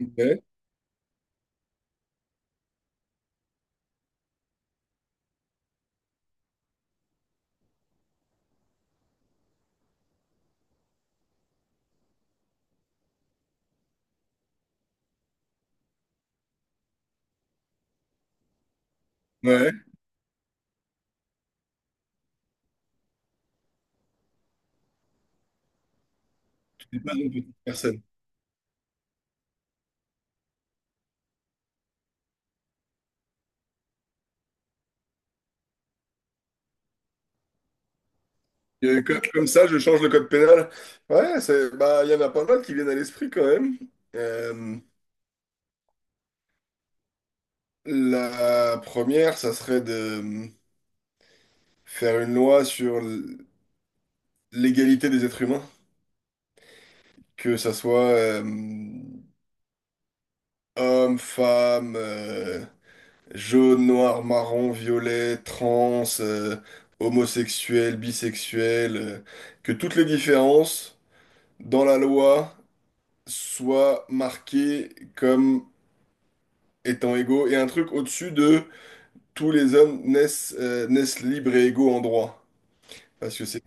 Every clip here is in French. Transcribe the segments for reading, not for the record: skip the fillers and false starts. Ouais, ouais, tu n'es pas une petite personne. Comme ça, je change le code pénal. Ouais, c'est, bah, il y en a pas mal qui viennent à l'esprit quand même. Euh, la première, ça serait de faire une loi sur l'égalité des êtres humains, que ça soit homme, femme, jaune, noir, marron, violet, trans, homosexuel, bisexuel, que toutes les différences dans la loi soit marqué comme étant égaux et un truc au-dessus de tous les hommes naissent, naissent libres et égaux en droit. Parce que c'est...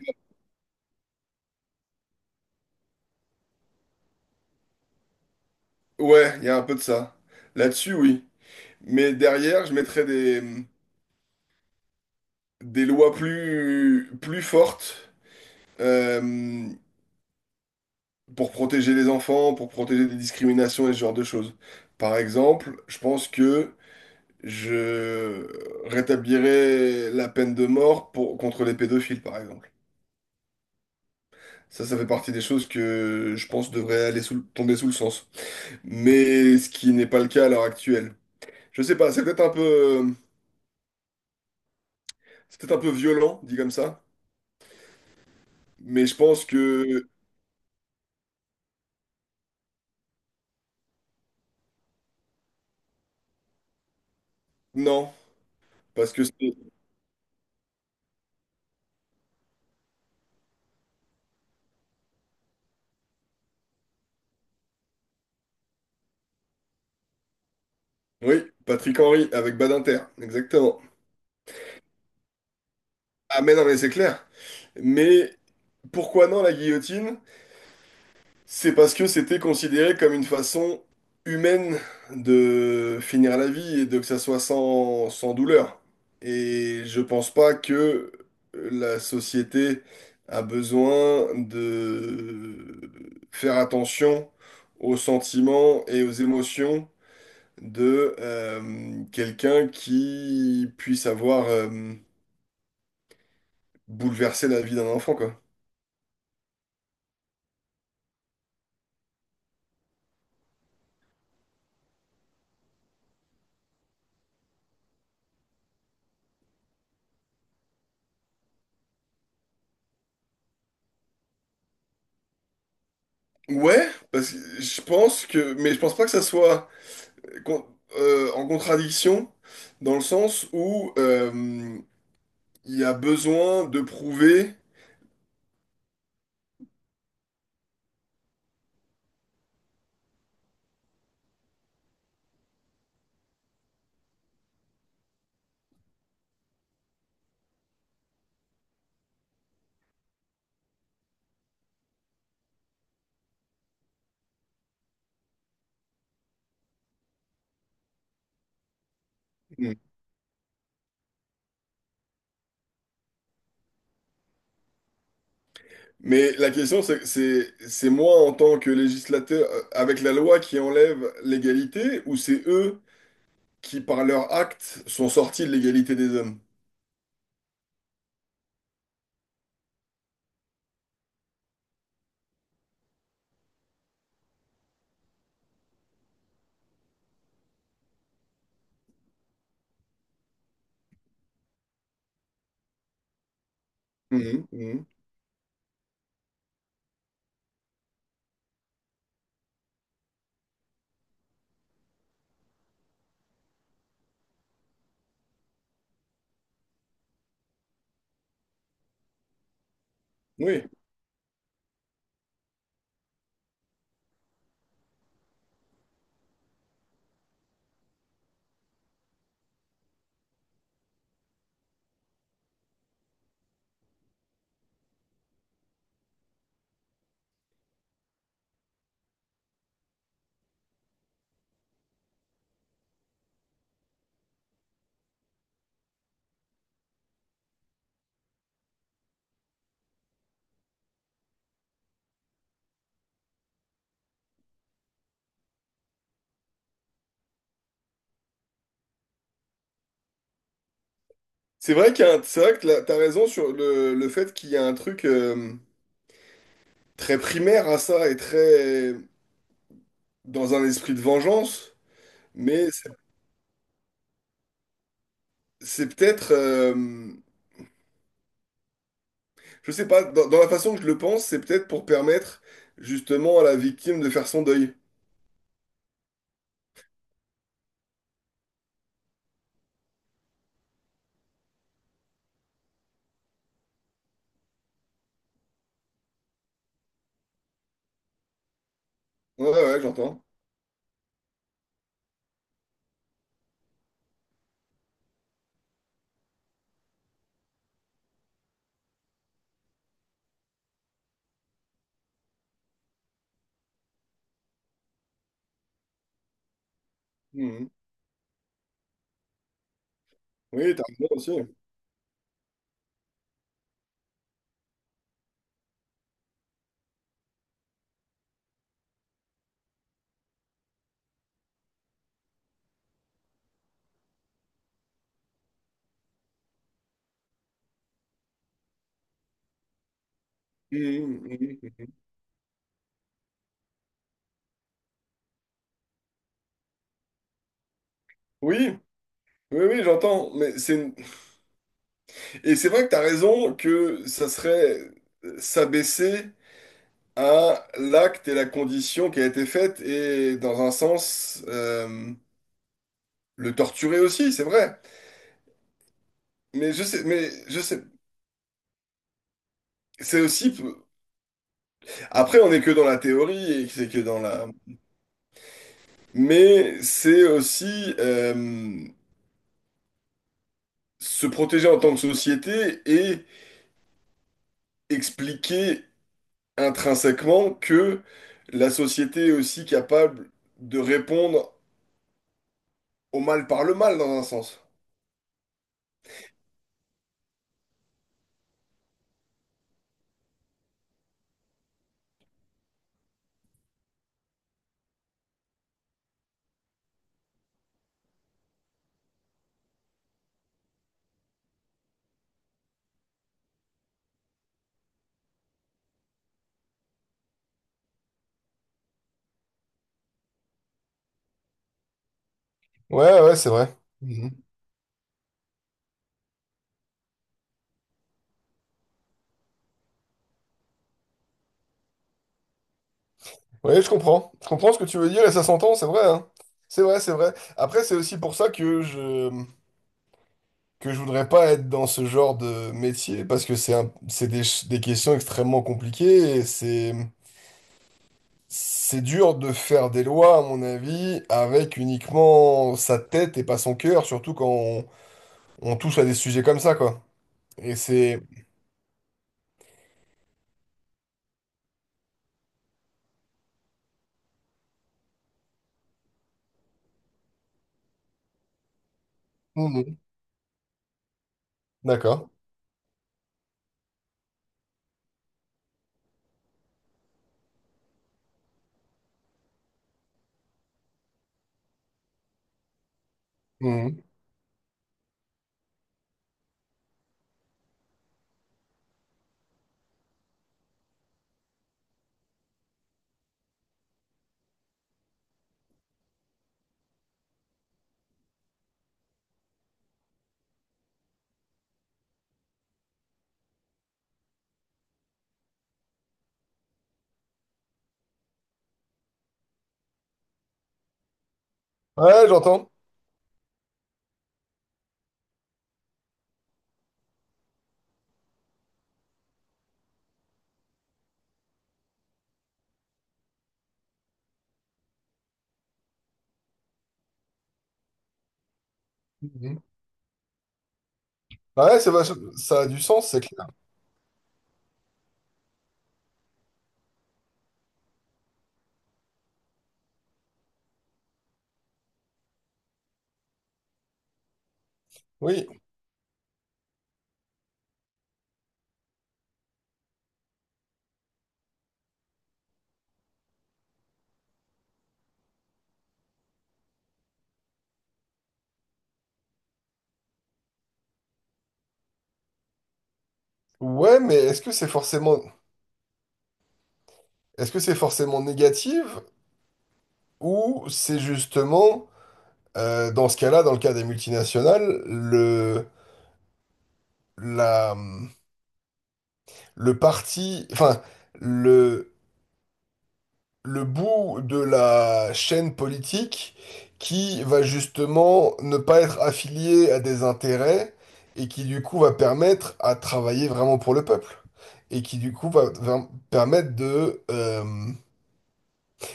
Ouais, il y a un peu de ça. Là-dessus, oui. Mais derrière, je mettrais des lois plus fortes euh, pour protéger les enfants, pour protéger des discriminations et ce genre de choses. Par exemple, je pense que je rétablirais la peine de mort contre les pédophiles, par exemple. Ça fait partie des choses que je pense devraient aller sous, tomber sous le sens. Mais ce qui n'est pas le cas à l'heure actuelle. Je sais pas, c'est peut-être un peu, c'est peut-être un peu violent, dit comme ça. Mais je pense que non. Parce que c'est. Oui, Patrick Henry avec Badinter, exactement. Ah mais non, mais c'est clair. Mais pourquoi non la guillotine? C'est parce que c'était considéré comme une façon humaine de finir la vie et de que ça soit sans douleur. Et je pense pas que la société a besoin de faire attention aux sentiments et aux émotions de quelqu'un qui puisse avoir bouleversé la vie d'un enfant, quoi. Ouais, parce que je pense que, mais je pense pas que ça soit con- en contradiction dans le sens où il y a besoin de prouver, Mm. Mais la question c'est c'est moi en tant que législateur avec la loi qui enlève l'égalité ou c'est eux qui par leur acte sont sortis de l'égalité des hommes? Mhm, mhm. Oui. C'est vrai qu'il y a un, c'est vrai que là, t'as raison sur le fait qu'il y a un truc très primaire à ça et très dans un esprit de vengeance, mais c'est peut-être je sais pas, dans la façon que je le pense, c'est peut-être pour permettre justement à la victime de faire son deuil. Ouais, ouais, ouais, j'entends. Mhm. Oui, t'as raison aussi. Mhm, mhm, mhm. Oui, oui, oui, j'entends. Mais c'est et c'est vrai que t'as raison que ça serait s'abaisser à l'acte et la condition qui a été faite et dans un sens le torturer aussi, c'est vrai. Mais je sais, mais je sais. C'est aussi. Après, on n'est que dans la théorie et c'est que dans la mais c'est aussi se protéger en tant que société et expliquer intrinsèquement que la société est aussi capable de répondre au mal par le mal, dans un sens. Ouais, ouais, c'est vrai. Mhm. Ouais, je comprends. Je comprends ce que tu veux dire et ça s'entend, c'est vrai, hein. C'est vrai, c'est vrai. Après, c'est aussi pour ça que je voudrais pas être dans ce genre de métier parce que c'est un... c'est des... des questions extrêmement compliquées et c'est dur de faire des lois, à mon avis, avec uniquement sa tête et pas son cœur, surtout quand on touche à des sujets comme ça, quoi. Et c'est... Mhm. D'accord. Mhm. Ouais, j'entends. Mhm. Ouais, ça a du sens, c'est clair. Oui. Ouais, mais est-ce que c'est forcément... Est-ce que c'est forcément négatif ou c'est justement, dans ce cas-là, dans le cas des multinationales, le... la... le parti... Enfin, le bout de la chaîne politique qui va justement ne pas être affilié à des intérêts et qui du coup va permettre à travailler vraiment pour le peuple. Et qui du coup va permettre de...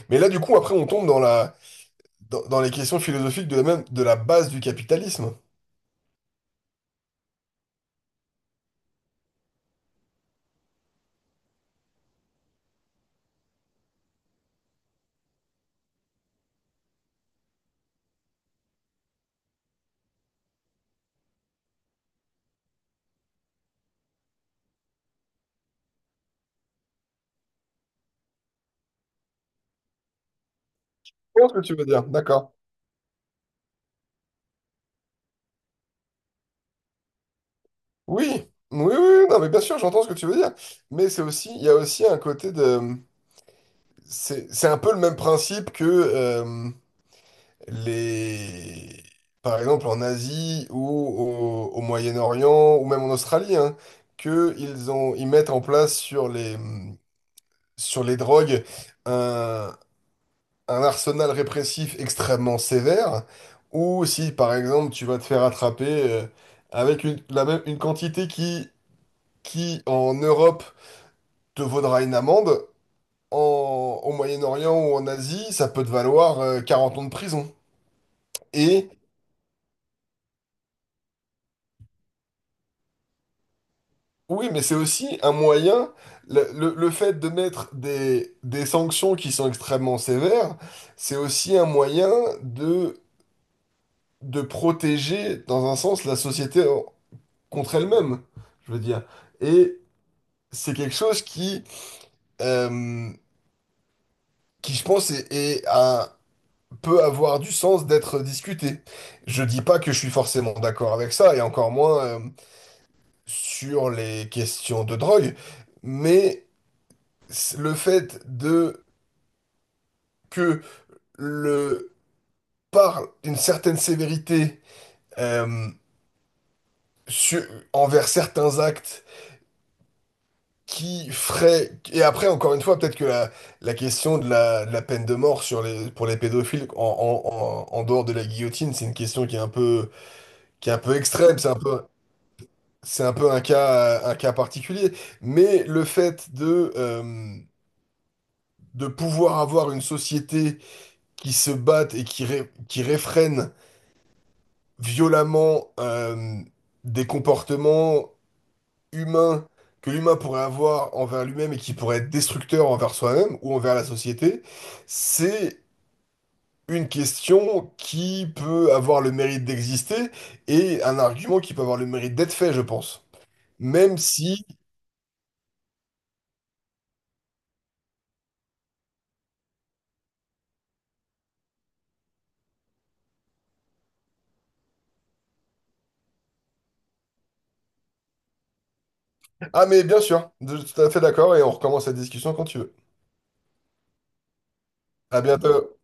mais là du coup après on tombe dans dans les questions philosophiques de la même, de la base du capitalisme. Je comprends ce que tu veux dire, d'accord. Oui, oui, oui, oui, non mais bien sûr j'entends ce que tu veux dire. Mais c'est aussi, il y a aussi un côté de... c'est un peu le même principe que... les... par exemple en Asie ou au Moyen-Orient ou même en Australie, hein, que ils ont, ils mettent en place sur sur les drogues un, un arsenal répressif extrêmement sévère, ou si par exemple tu vas te faire attraper avec une, la même, une quantité qui en Europe te vaudra une amende. En, au Moyen-Orient ou en Asie, ça peut te valoir 40 ans de prison. Et oui, mais c'est aussi un moyen, le fait de mettre des sanctions qui sont extrêmement sévères, c'est aussi un moyen de, de protéger, dans un sens, la société contre elle-même, je veux dire. Et c'est quelque chose euh, qui je pense, est un- peut avoir du sens d'être discuté. Je dis pas que je suis forcément d'accord avec ça, et encore moins, sur les questions de drogue, mais le fait de que le parle d'une certaine sévérité euh, sur- envers certains actes qui ferait et après encore une fois peut-être que la question de de la peine de mort sur les pour les pédophiles en dehors de la guillotine c'est une question qui est un peu qui est un peu extrême c'est un peu un cas particulier mais le fait de pouvoir avoir une société qui se batte et qui qui réfrène violemment des comportements humains que l'humain pourrait avoir envers lui-même et qui pourraient être destructeurs envers soi-même ou envers la société, c'est une question qui peut avoir le mérite d'exister et un argument qui peut avoir le mérite d'être fait, je pense. Même si... Ah mais bien sûr, je suis tout à fait d'accord et on recommence la discussion quand tu veux. À bientôt.